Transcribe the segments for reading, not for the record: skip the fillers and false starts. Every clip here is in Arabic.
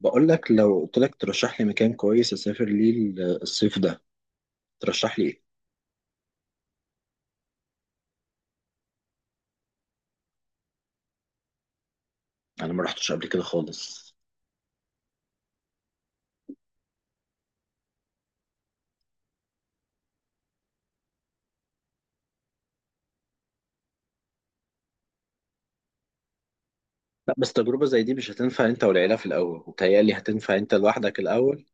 بقول لك، لو قلت لك ترشح لي مكان كويس اسافر ليه الصيف ده. ترشح لي ايه؟ انا ما رحتش قبل كده خالص. لا، بس تجربة زي دي مش هتنفع انت والعيلة في الاول، وتهيألي هتنفع انت لوحدك الاول.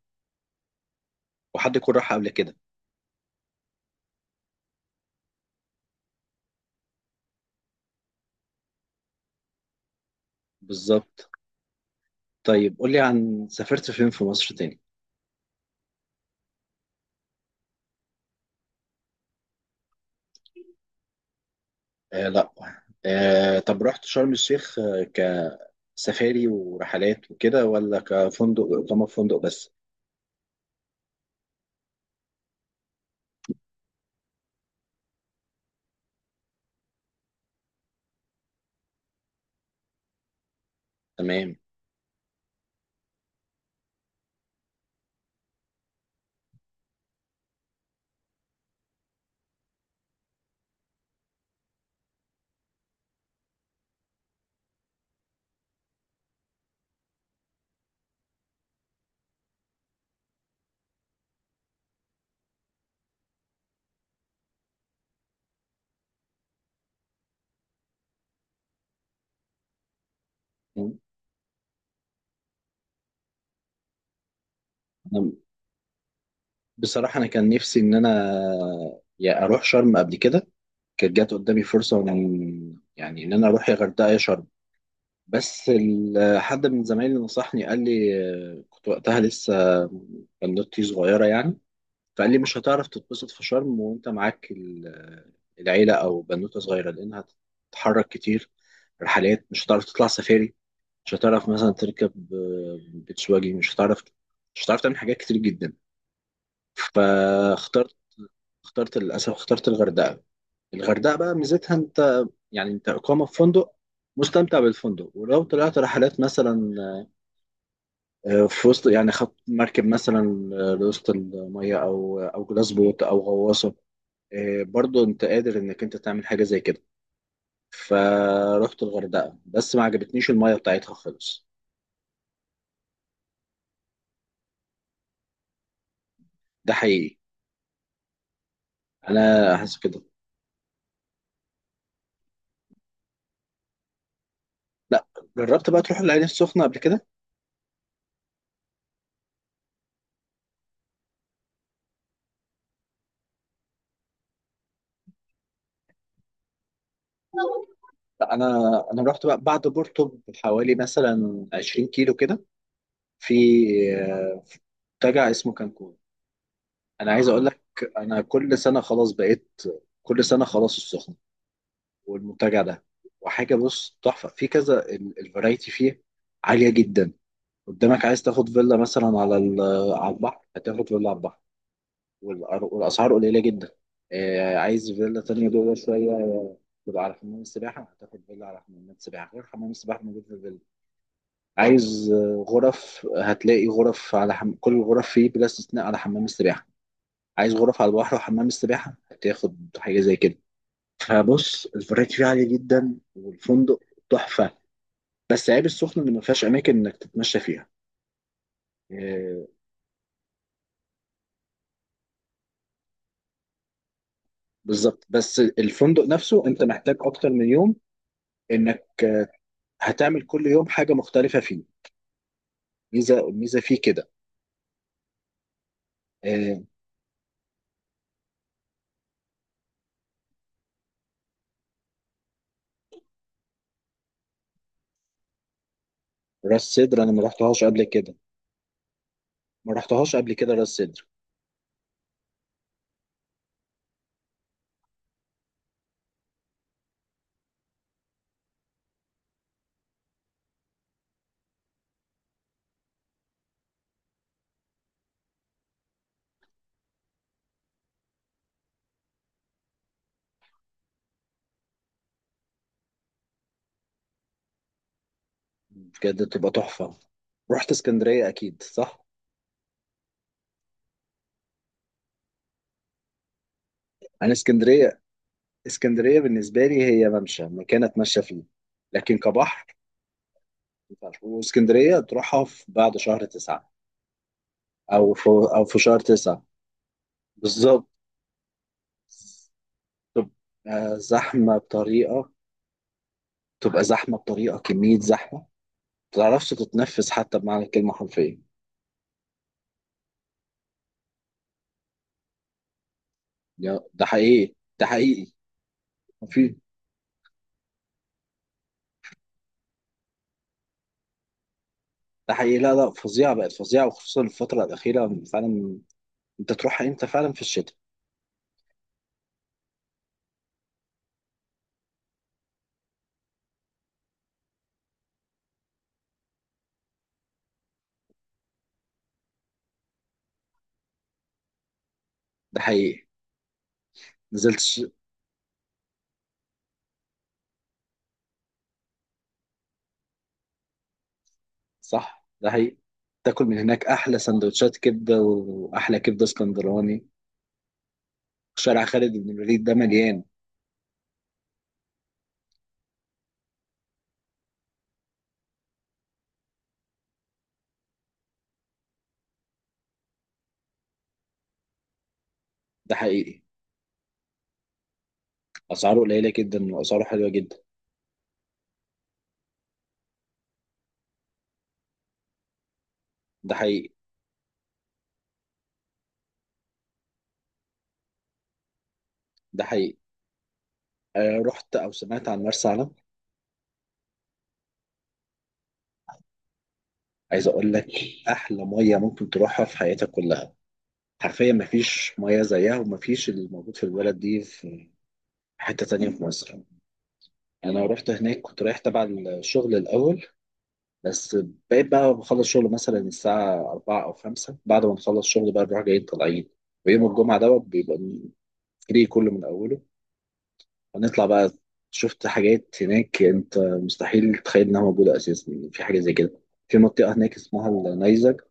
وحد يكون راح قبل كده. بالظبط. طيب قول لي، عن سافرت فين في مصر تاني؟ آه لا. آه، طب رحت شرم الشيخ كسفاري ورحلات وكده، ولا كفندق، اقامة في فندق بس؟ تمام. أنا- بصراحة انا كان نفسي ان انا يا اروح شرم قبل كده. كانت جات قدامي فرصة من يعني إن أنا أروح يا غردقة يا شرم، بس حد من زمايلي نصحني، قال لي، كنت وقتها لسه بنوتي صغيرة يعني. فقال لي مش هتعرف تتبسط في شرم وأنت معاك العيلة أو بنوتة صغيرة، لأنها هتتحرك كتير. رحلات مش هتعرف تطلع سفاري، مش هتعرف مثلا تركب بيتش واجي، مش هتعرف، مش هتعرف تعمل حاجات كتير جدا. فاخترت اخترت للأسف، اخترت الغردقة. الغردقة بقى ميزتها، انت يعني انت إقامة في فندق، مستمتع بالفندق، ولو طلعت رحلات مثلا في وسط، يعني خط مركب مثلا لوسط المية، أو جلاس بوت أو غواصة، برضو أنت قادر إنك أنت تعمل حاجة زي كده. فروحت الغردقة، بس ما عجبتنيش المية بتاعتها خالص. ده حقيقي. أنا حاسس كده. لا. جربت بقى تروح العين السخنة قبل كده؟ لا أنا أنا رحت بقى بعد بورتو بحوالي مثلا 20 كيلو كده، في في منتجع اسمه كانكون. انا عايز اقول اه لك، انا كل سنه خلاص بقيت، كل سنه خلاص السخنه والمنتجع ده. وحاجه، بص، تحفه في كذا. الفرايتي فيه عاليه جدا. قدامك، عايز تاخد فيلا مثلا على على البحر، هتاخد فيلا على البحر، والاسعار قليله جدا. عايز فيلا تانية جوه شوية، تبقى على حمام السباحة، هتاخد فيلا على حمام السباحة، غير حمام السباحة موجود في الفيلا. عايز غرف، هتلاقي غرف على كل الغرف فيه بلا استثناء على حمام السباحة. عايز غرف على البحر وحمام السباحة، هتاخد حاجة زي كده. فبص، الفرايتي فيه عالية جدا، والفندق تحفة. بس عيب السخنة اللي ما فيهاش أماكن إنك تتمشى فيها. آه، بالظبط، بس الفندق نفسه أنت محتاج أكتر من يوم، إنك هتعمل كل يوم حاجة مختلفة فيه. الميزة فيه كده. آه، راس سدر أنا ما رحتهاش قبل كده. ما رحتهاش قبل كده راس سدر. بجد بتبقى تحفة. رحت اسكندرية أكيد صح؟ أنا اسكندرية، اسكندرية بالنسبة لي هي ممشى، مكان أتمشى فيه، لكن كبحر مينفعش. واسكندرية تروحها في بعد شهر 9، أو في شهر 9. بالظبط. تبقى زحمة بطريقة تبقى زحمة بطريقة، كمية زحمة ما تعرفش تتنفس حتى بمعنى الكلمة حرفيا. ده حقيقي، ده حقيقي. في. ده حقيقي، لا لا، فظيعة، بقت فظيعة، وخصوصا الفترة الأخيرة فعلا. أنت تروح إمتى فعلا في الشتاء؟ ده حقيقي. نزلت ش... صح، ده حقيقي. تاكل من هناك احلى سندوتشات كبده، واحلى كبده اسكندراني. شارع خالد بن الوليد ده مليان. ده حقيقي. اسعاره قليله جدا، واسعاره حلوه جدا. ده حقيقي. ده حقيقي. آه، رحت او سمعت عن مرسى علم؟ عايز اقول لك، احلى ميه ممكن تروحها في حياتك كلها. حرفيا مفيش ميه زيها، ومفيش اللي موجود في البلد دي في حته تانية في مصر. انا رحت هناك كنت رايح تبع الشغل الاول، بس بقيت بقى بخلص شغل مثلا الساعة 4 أو 5، بعد ما نخلص شغل بقى نروح جايين طالعين. ويوم الجمعة ده بيبقى فري كله من أوله، هنطلع بقى. شفت حاجات هناك أنت مستحيل تتخيل إنها موجودة أساسا، يعني في حاجة زي كده. في منطقة هناك اسمها النيزك.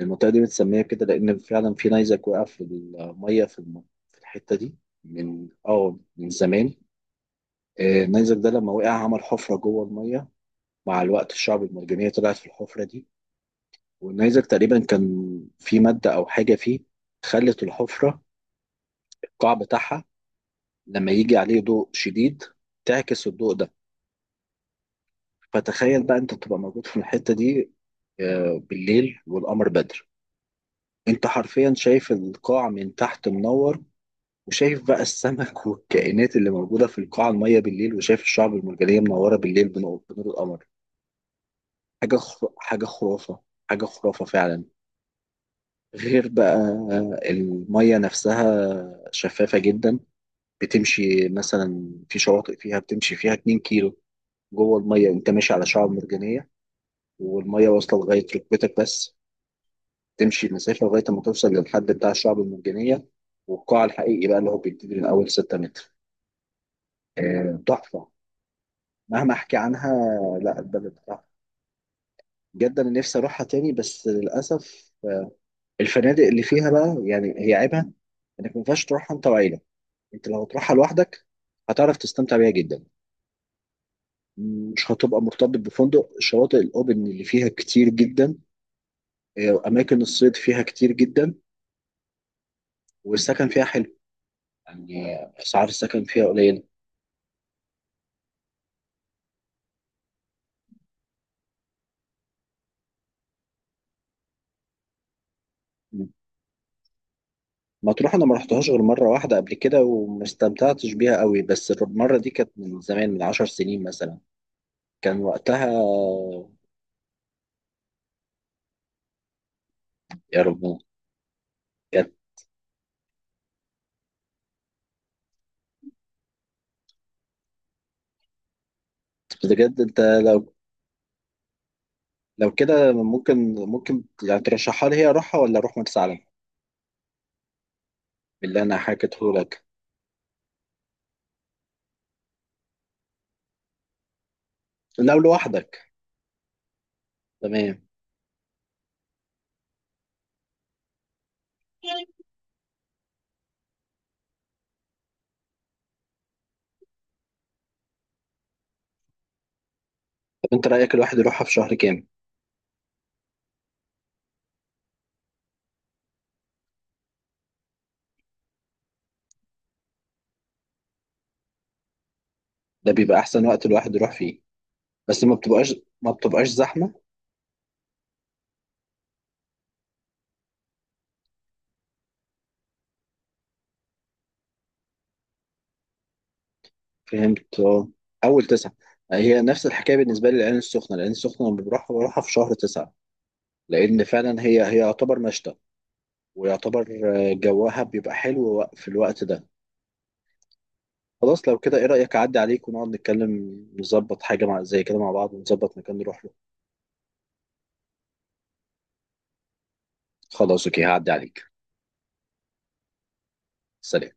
المنطقة دي متسمية كده لأن فعلا في نيزك وقع في المية، في في الحتة دي من اه من زمان. النيزك ده لما وقع، عمل حفرة جوه المية. مع الوقت الشعب المرجانية طلعت في الحفرة دي. والنيزك تقريبا كان في مادة أو حاجة فيه خلت الحفرة، القاع بتاعها، لما يجي عليه ضوء شديد تعكس الضوء ده. فتخيل بقى أنت تبقى موجود في الحتة دي بالليل والقمر بدر. أنت حرفيا شايف القاع من تحت منور، وشايف بقى السمك والكائنات اللي موجودة في القاع المية بالليل، وشايف الشعب المرجانية منورة بالليل بنور القمر. حاجة خرافة، حاجة خرافة فعلا. غير بقى المية نفسها شفافة جدا. بتمشي مثلا في شواطئ فيها بتمشي فيها 2 كيلو جوه المية، انت ماشي على شعاب مرجانية، والمية واصلة لغاية ركبتك بس. تمشي المسافة لغاية ما توصل للحد بتاع الشعاب المرجانية والقاع الحقيقي بقى، اللي هو بيبتدي من أول 6 متر. تحفة، مهما أحكي عنها. لا البلد تحفة جدا، أنا نفسي أروحها تاني، بس للأسف الفنادق اللي فيها بقى، يعني هي عيبها إنك ما ينفعش تروحها أنت وعيلة. أنت لو تروحها لوحدك هتعرف تستمتع بيها جدا. مش هتبقى مرتبط بفندق. الشواطئ الاوبن اللي فيها كتير جدا، اماكن الصيد فيها كتير جدا، والسكن فيها حلو، يعني اسعار السكن فيها قليله. مطروح انا ما رحتهاش غير مره واحده قبل كده، وما استمتعتش بيها قوي، بس المره دي كانت من زمان، من 10 سنين مثلا. كان وقتها، يا رب كانت. بجد انت، لو، لو كده ممكن، ممكن يعني ترشحها لي، هي اروحها ولا اروح مرسى علم؟ بالله انا حكيته لك. لو لوحدك تمام. طب انت رايك الواحد يروحها في شهر كام؟ ده بيبقى احسن وقت الواحد يروح فيه، بس ما بتبقاش، ما بتبقاش زحمه. فهمت اه. اول 9، هي نفس الحكايه بالنسبه لي. العين السخنه، العين السخنه لما بروحها بروحها في شهر 9، لان فعلا هي، هي يعتبر مشتى، ويعتبر اه، جوها بيبقى حلو في الوقت ده. خلاص لو كده ايه رايك اعدي عليك، ونقعد نتكلم نظبط حاجه مع، زي كده مع بعض، ونظبط مكان نروح له. خلاص اوكي، هعدي عليك. سلام.